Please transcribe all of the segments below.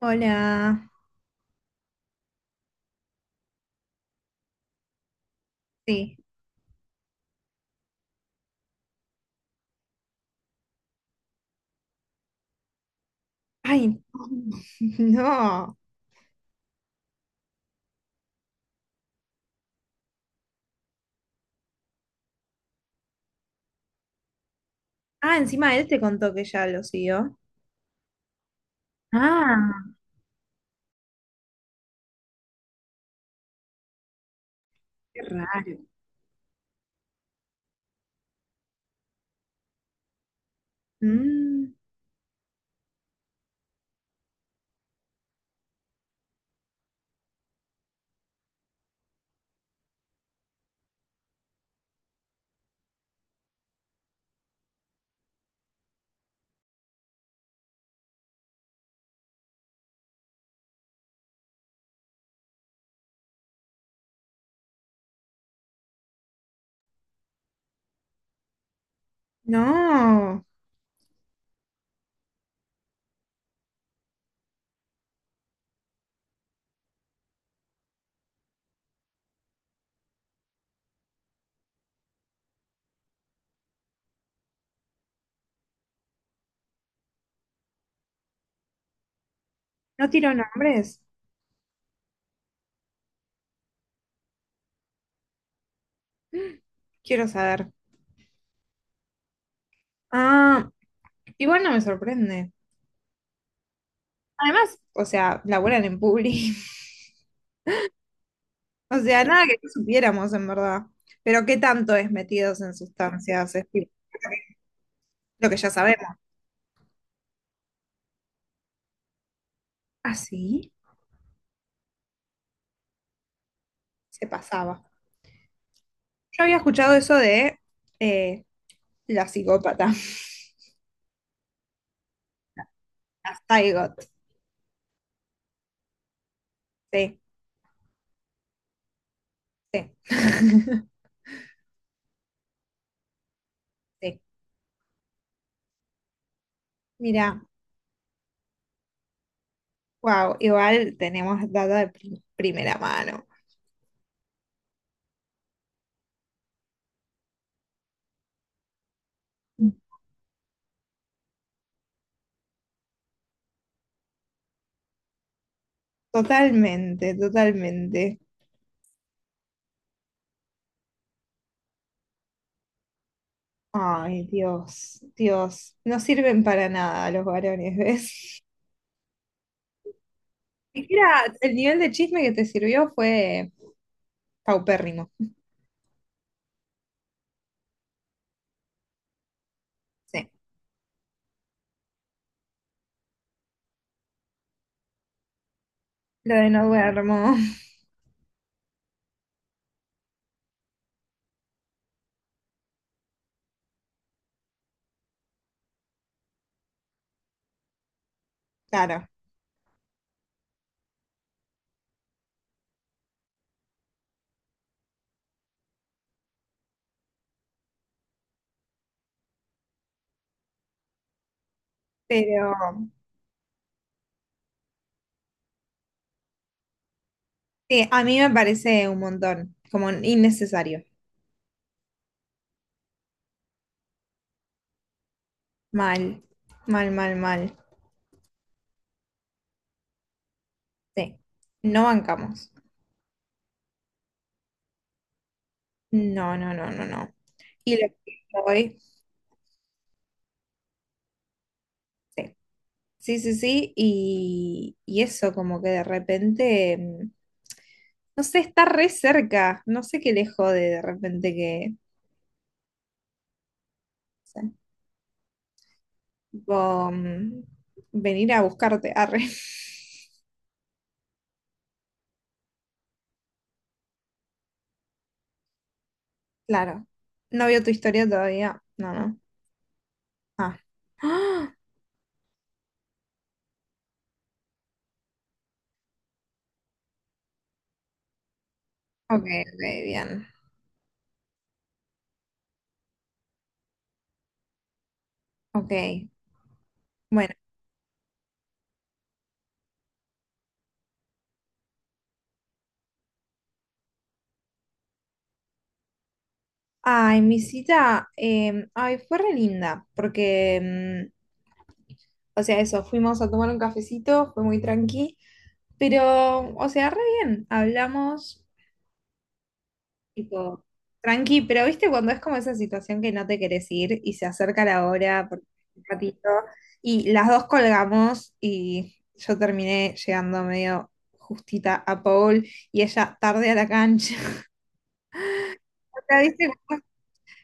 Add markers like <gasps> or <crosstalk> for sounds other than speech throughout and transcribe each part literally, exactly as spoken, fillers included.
Hola. Sí. Ay, <laughs> no. Ah, encima él te contó que ya lo siguió. Ah, qué raro. Mm, no. No tiró nombres. <gasps> Quiero saber. Ah, igual no me sorprende. Además, o sea, laburan en Publi. <laughs> O sea, nada que no supiéramos en verdad. Pero qué tanto es metidos en sustancias, es tipo lo que ya sabemos. Ah, sí, se pasaba. Yo había escuchado eso de eh, la psicópata. Got. Sí, sí. <laughs> Sí. Mira, wow, igual tenemos data de pri- primera mano. Totalmente, totalmente. Ay, Dios, Dios. No sirven para nada los varones, ¿ves? Siquiera el nivel de chisme que te sirvió fue paupérrimo. Sí. Lo de no duermo, <laughs> claro. Pero sí, a mí me parece un montón, como innecesario. Mal, mal, mal, mal. Sí, no bancamos. No, no, no, no, no. Y lo que hoy, sí, sí, sí, sí, y, y eso como que de repente, mm, no sé, está re cerca, no sé qué le jode de repente que, sí, sé, tipo, mm, venir a buscarte, arre. <laughs> Claro, no vio tu historia todavía, no, no. Ah, <gasps> Ah, ok, ok, bien, ok. Bueno. Ay, mi cita, em, ay, fue re linda, porque, em, o sea, eso, fuimos a tomar un cafecito, fue muy tranqui, pero, o sea, re bien, hablamos, tipo, tranqui, pero viste cuando es como esa situación que no te querés ir y se acerca la hora por un ratito, y las dos colgamos y yo terminé llegando medio justita a Paul y ella tarde a la cancha. <laughs>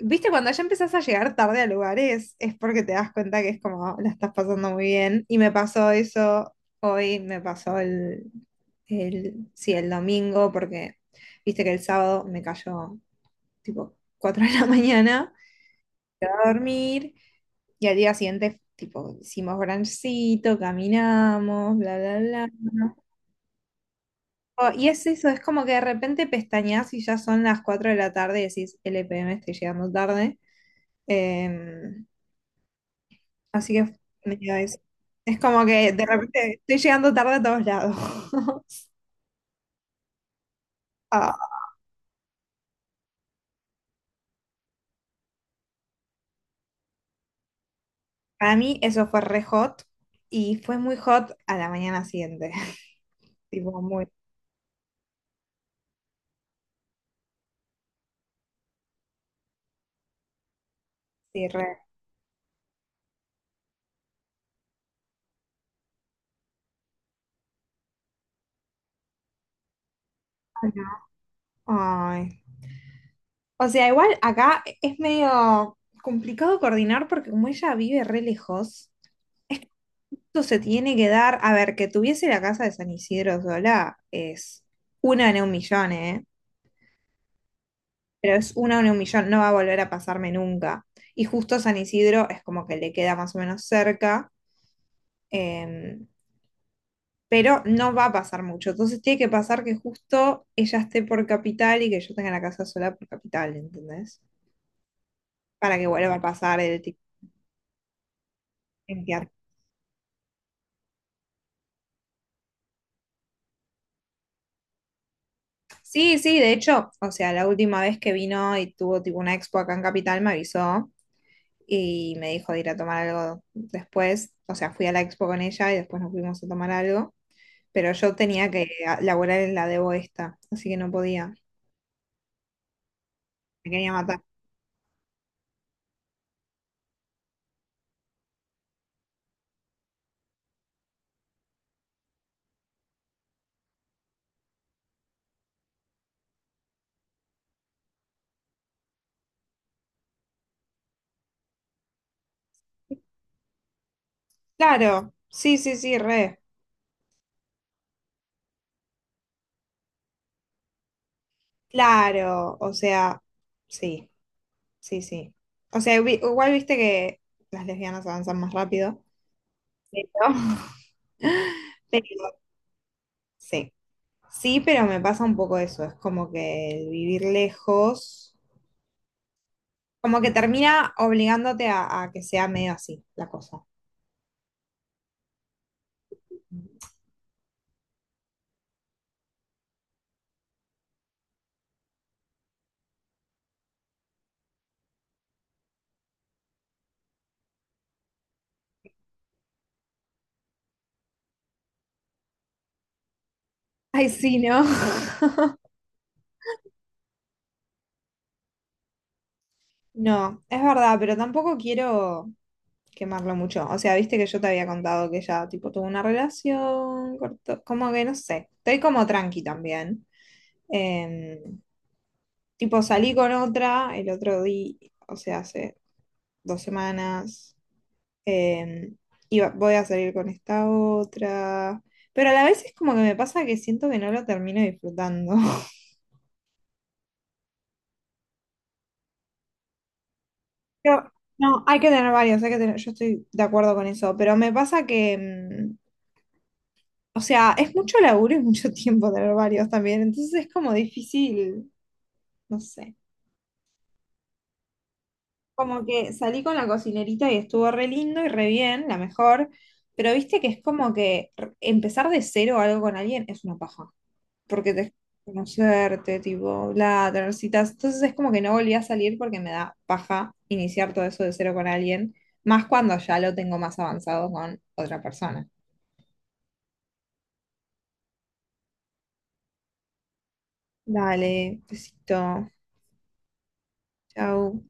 Viste, cuando ya empezás a llegar tarde a lugares, es porque te das cuenta que es como la estás pasando muy bien. Y me pasó eso hoy, me pasó el, el, sí, el domingo, porque viste que el sábado me cayó tipo cuatro <laughs> de la mañana a dormir. Y al día siguiente, tipo, hicimos brunchcito, caminamos, bla, bla, bla. ¿No? Oh, y es eso, es como que de repente pestañas y ya son las cuatro de la tarde y decís, L P M, estoy llegando tarde. Em, Así que mira, es, es como que de repente estoy llegando tarde a todos lados. <laughs> Ah, para mí eso fue re hot y fue muy hot a la mañana siguiente. <laughs> Tipo, muy, sí, re. Ay. O sea, igual acá es medio complicado coordinar porque como ella vive re lejos, esto se tiene que dar, a ver, que tuviese la casa de San Isidro sola es una en un millón, ¿eh? Pero es una en un millón, no va a volver a pasarme nunca. Y justo San Isidro es como que le queda más o menos cerca, eh, pero no va a pasar mucho. Entonces tiene que pasar que justo ella esté por capital y que yo tenga la casa sola por capital, ¿entendés? Para que vuelva a pasar el tipo. Sí, sí, de hecho, o sea, la última vez que vino y tuvo tipo una expo acá en Capital me avisó y me dijo de ir a tomar algo después, o sea, fui a la expo con ella y después nos fuimos a tomar algo pero yo tenía que a- laburar en la de esta, así que no podía, me quería matar. Claro, sí, sí, sí, re, claro, o sea, sí, sí, sí. O sea, vi- igual viste que las lesbianas avanzan más rápido, pero, <laughs> pero sí, sí, pero me pasa un poco eso, es como que el vivir lejos, como que termina obligándote a, a que sea medio así la cosa. Ay, sí, ¿no? <laughs> No, es verdad, pero tampoco quiero quemarlo mucho. O sea, viste que yo te había contado que ella, tipo, tuvo una relación, cortó- como que no sé. Estoy como tranqui también. Eh, Tipo, salí con otra el otro día, o sea, hace dos semanas. Eh, y va- voy a salir con esta otra. Pero a la vez es como que me pasa que siento que no lo termino disfrutando. <laughs> Pero, no, hay que tener varios, hay que tener, yo estoy de acuerdo con eso, pero me pasa que, em, o sea, es mucho laburo y mucho <laughs> tiempo tener varios también, entonces es como difícil, no sé. Como que salí con la cocinerita y estuvo re lindo y re bien, la mejor, pero viste que es como que r- empezar de cero algo con alguien es una paja, porque te conocerte, tipo, bla, tener citas, entonces es como que no volví a salir porque me da paja iniciar todo eso de cero con alguien, más cuando ya lo tengo más avanzado con otra persona. Dale, besito, chau.